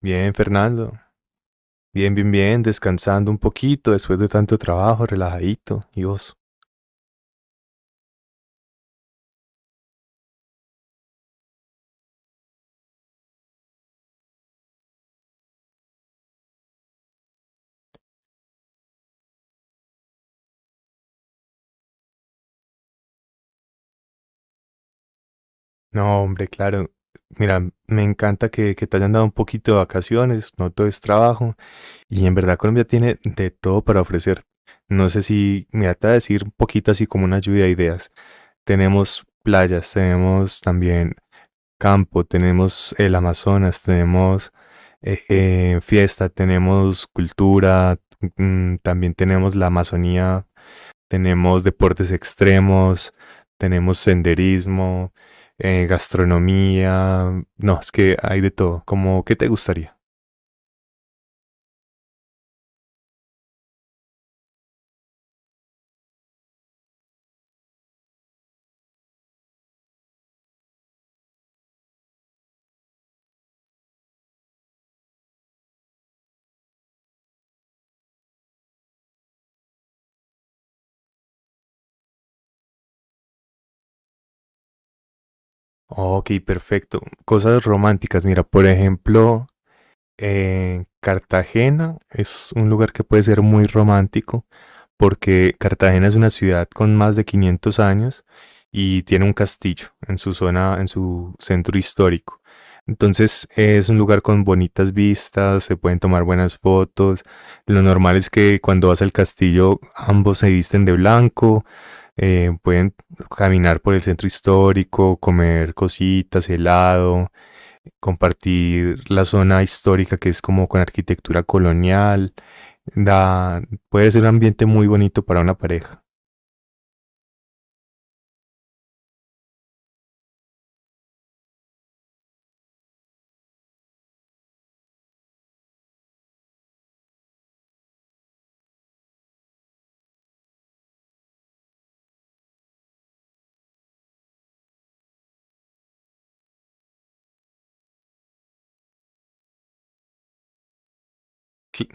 Bien, Fernando. Bien, bien, bien, descansando un poquito después de tanto trabajo, relajadito. ¿Y vos? No, hombre, claro. Mira, me encanta que te hayan dado un poquito de vacaciones, no todo es trabajo. Y en verdad Colombia tiene de todo para ofrecer. No sé si, mira, te voy a decir un poquito así como una lluvia de ideas. Tenemos playas, tenemos también campo, tenemos el Amazonas, tenemos fiesta, tenemos cultura, mm, también tenemos la Amazonía, tenemos deportes extremos, tenemos senderismo, gastronomía, no, es que hay de todo. Como, ¿qué te gustaría? Ok, perfecto. Cosas románticas, mira, por ejemplo, Cartagena es un lugar que puede ser muy romántico porque Cartagena es una ciudad con más de 500 años y tiene un castillo en su zona, en su centro histórico. Entonces, es un lugar con bonitas vistas, se pueden tomar buenas fotos. Lo normal es que cuando vas al castillo ambos se visten de blanco, pueden caminar por el centro histórico, comer cositas, helado, compartir la zona histórica que es como con arquitectura colonial. Da, puede ser un ambiente muy bonito para una pareja. Sí.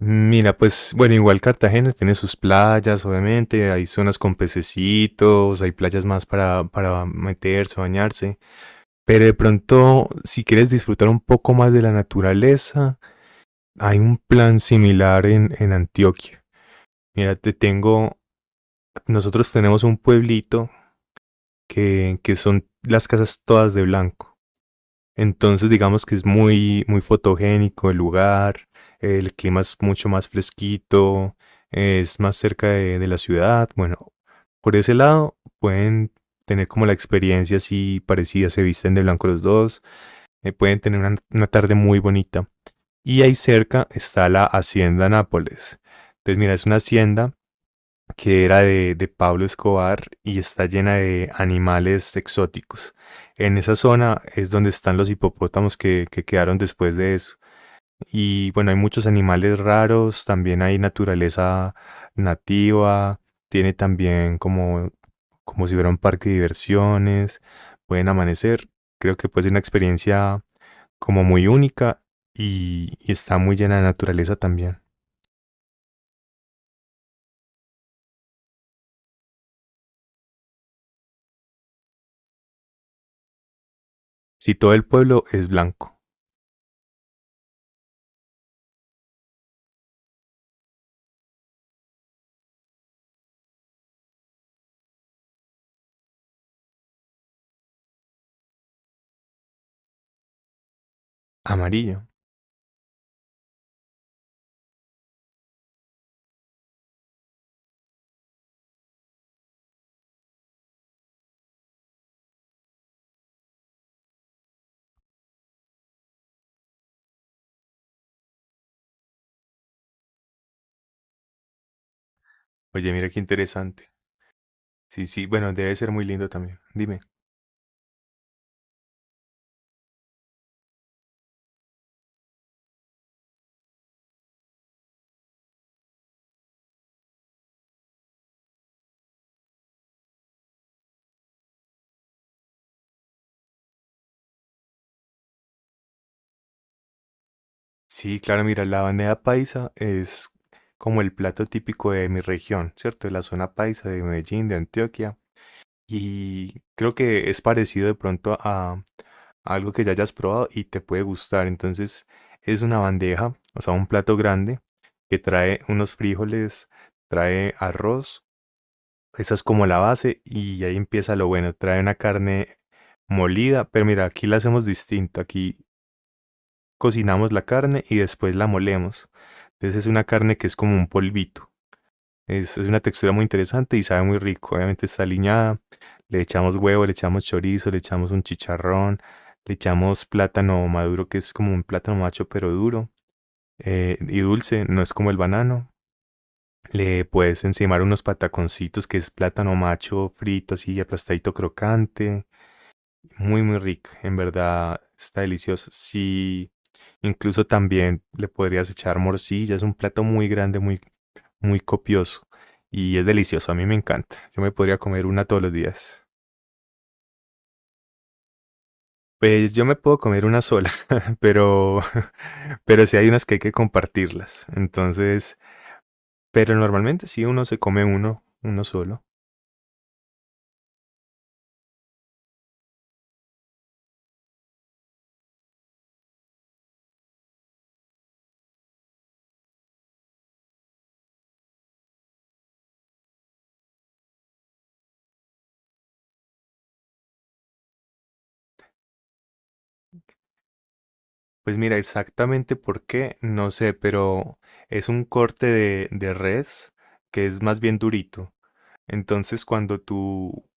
Mira, pues bueno, igual Cartagena tiene sus playas, obviamente, hay zonas con pececitos, hay playas más para meterse, bañarse, pero de pronto, si quieres disfrutar un poco más de la naturaleza, hay un plan similar en Antioquia. Mira, te tengo, nosotros tenemos un pueblito que son las casas todas de blanco. Entonces digamos que es muy, muy fotogénico el lugar, el clima es mucho más fresquito, es más cerca de la ciudad. Bueno, por ese lado pueden tener como la experiencia así parecida, se visten de blanco los dos, pueden tener una tarde muy bonita. Y ahí cerca está la Hacienda Nápoles. Entonces mira, es una hacienda que era de Pablo Escobar y está llena de animales exóticos. En esa zona es donde están los hipopótamos que quedaron después de eso. Y bueno, hay muchos animales raros, también hay naturaleza nativa, tiene también como, como si fuera un parque de diversiones, pueden amanecer. Creo que puede ser una experiencia como muy única y está muy llena de naturaleza también. Si todo el pueblo es blanco, amarillo. Oye, mira qué interesante. Sí, sí, bueno, debe ser muy lindo también. Dime. Sí, claro, mira, la bandeja paisa es como el plato típico de mi región, ¿cierto? De la zona paisa de Medellín, de Antioquia. Y creo que es parecido de pronto a algo que ya hayas probado y te puede gustar. Entonces, es una bandeja, o sea, un plato grande que trae unos frijoles, trae arroz. Esa es como la base y ahí empieza lo bueno. Trae una carne molida, pero mira, aquí la hacemos distinto. Aquí cocinamos la carne y después la molemos. Entonces es una carne que es como un polvito. Es una textura muy interesante y sabe muy rico. Obviamente está aliñada. Le echamos huevo, le echamos chorizo, le echamos un chicharrón, le echamos plátano maduro, que es como un plátano macho pero duro y dulce, no es como el banano. Le puedes encimar unos pataconcitos, que es plátano macho frito, así aplastadito crocante. Muy, muy rica, en verdad está delicioso. Sí, incluso también le podrías echar morcilla, es un plato muy grande, muy, muy copioso y es delicioso, a mí me encanta. Yo me podría comer una todos los días. Pues yo me puedo comer una sola, pero, pero sí hay unas que hay que compartirlas. Entonces, pero normalmente sí uno se come uno solo. Pues mira, exactamente por qué, no sé, pero es un corte de res que es más bien durito. Entonces, cuando tú,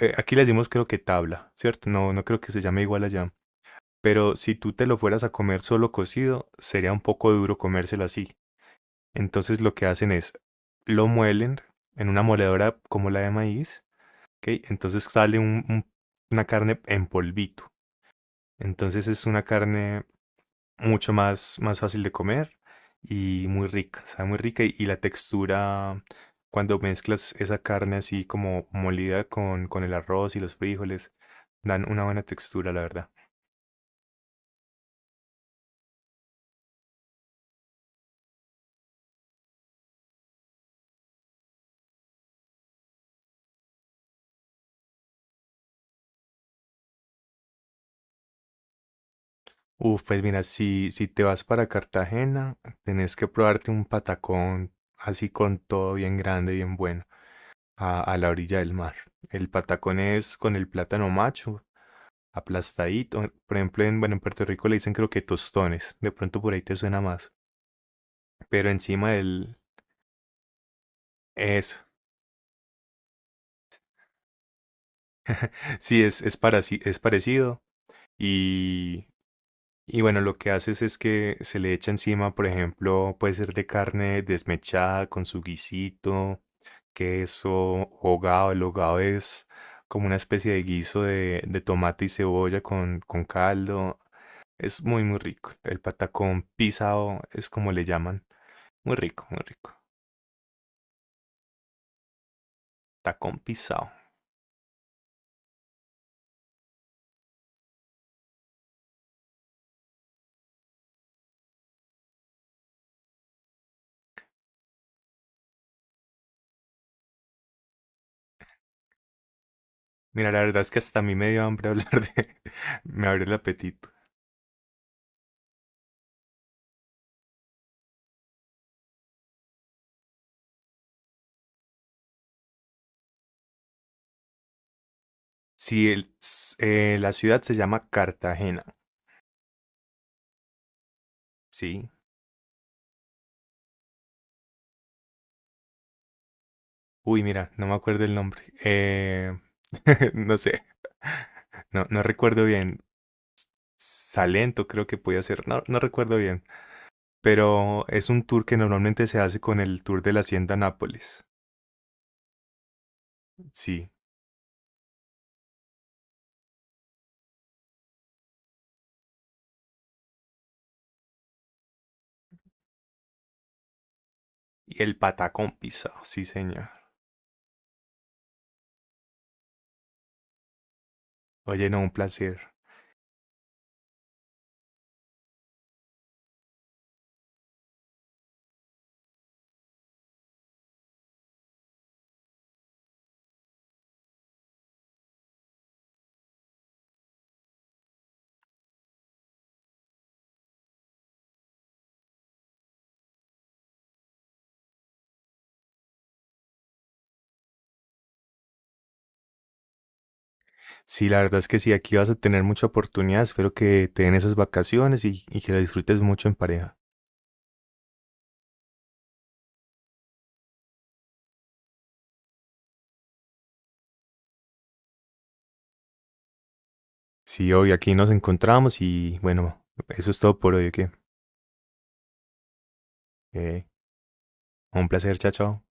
aquí le decimos creo que tabla, ¿cierto? No, no creo que se llame igual allá. Pero si tú te lo fueras a comer solo cocido, sería un poco duro comérselo así. Entonces lo que hacen es, lo muelen en una moledora como la de maíz, ¿ok? Entonces sale una carne en polvito. Entonces es una carne mucho más, más fácil de comer y muy rica, sabe muy rica y la textura, cuando mezclas esa carne así como molida con el arroz y los frijoles, dan una buena textura, la verdad. Uf, pues mira, si te vas para Cartagena, tenés que probarte un patacón así con todo bien grande, bien bueno, a la orilla del mar. El patacón es con el plátano macho, aplastadito. Por ejemplo, en, bueno, en Puerto Rico le dicen creo que tostones. De pronto por ahí te suena más, pero encima del... Eso. Sí, es parecido. Y, y bueno, lo que haces es que se le echa encima, por ejemplo, puede ser de carne desmechada con su guisito, queso, hogado. El hogado es como una especie de guiso de tomate y cebolla con caldo. Es muy, muy rico. El patacón pisado es como le llaman. Muy rico, muy rico. Tacón pisado. Mira, la verdad es que hasta a mí me dio hambre hablar de... Me abrió el apetito. Sí, el, la ciudad se llama Cartagena, ¿sí? Uy, mira, no me acuerdo el nombre. No sé, no, no recuerdo bien. Salento creo que podía ser, no, no recuerdo bien. Pero es un tour que normalmente se hace con el tour de la Hacienda Nápoles, sí. Y el Patacón Pisa, sí, señor. Oye, no, un placer. Sí, la verdad es que sí, aquí vas a tener mucha oportunidad. Espero que te den esas vacaciones y que la disfrutes mucho en pareja. Sí, hoy aquí nos encontramos y bueno, eso es todo por hoy, que un placer, chao, chao.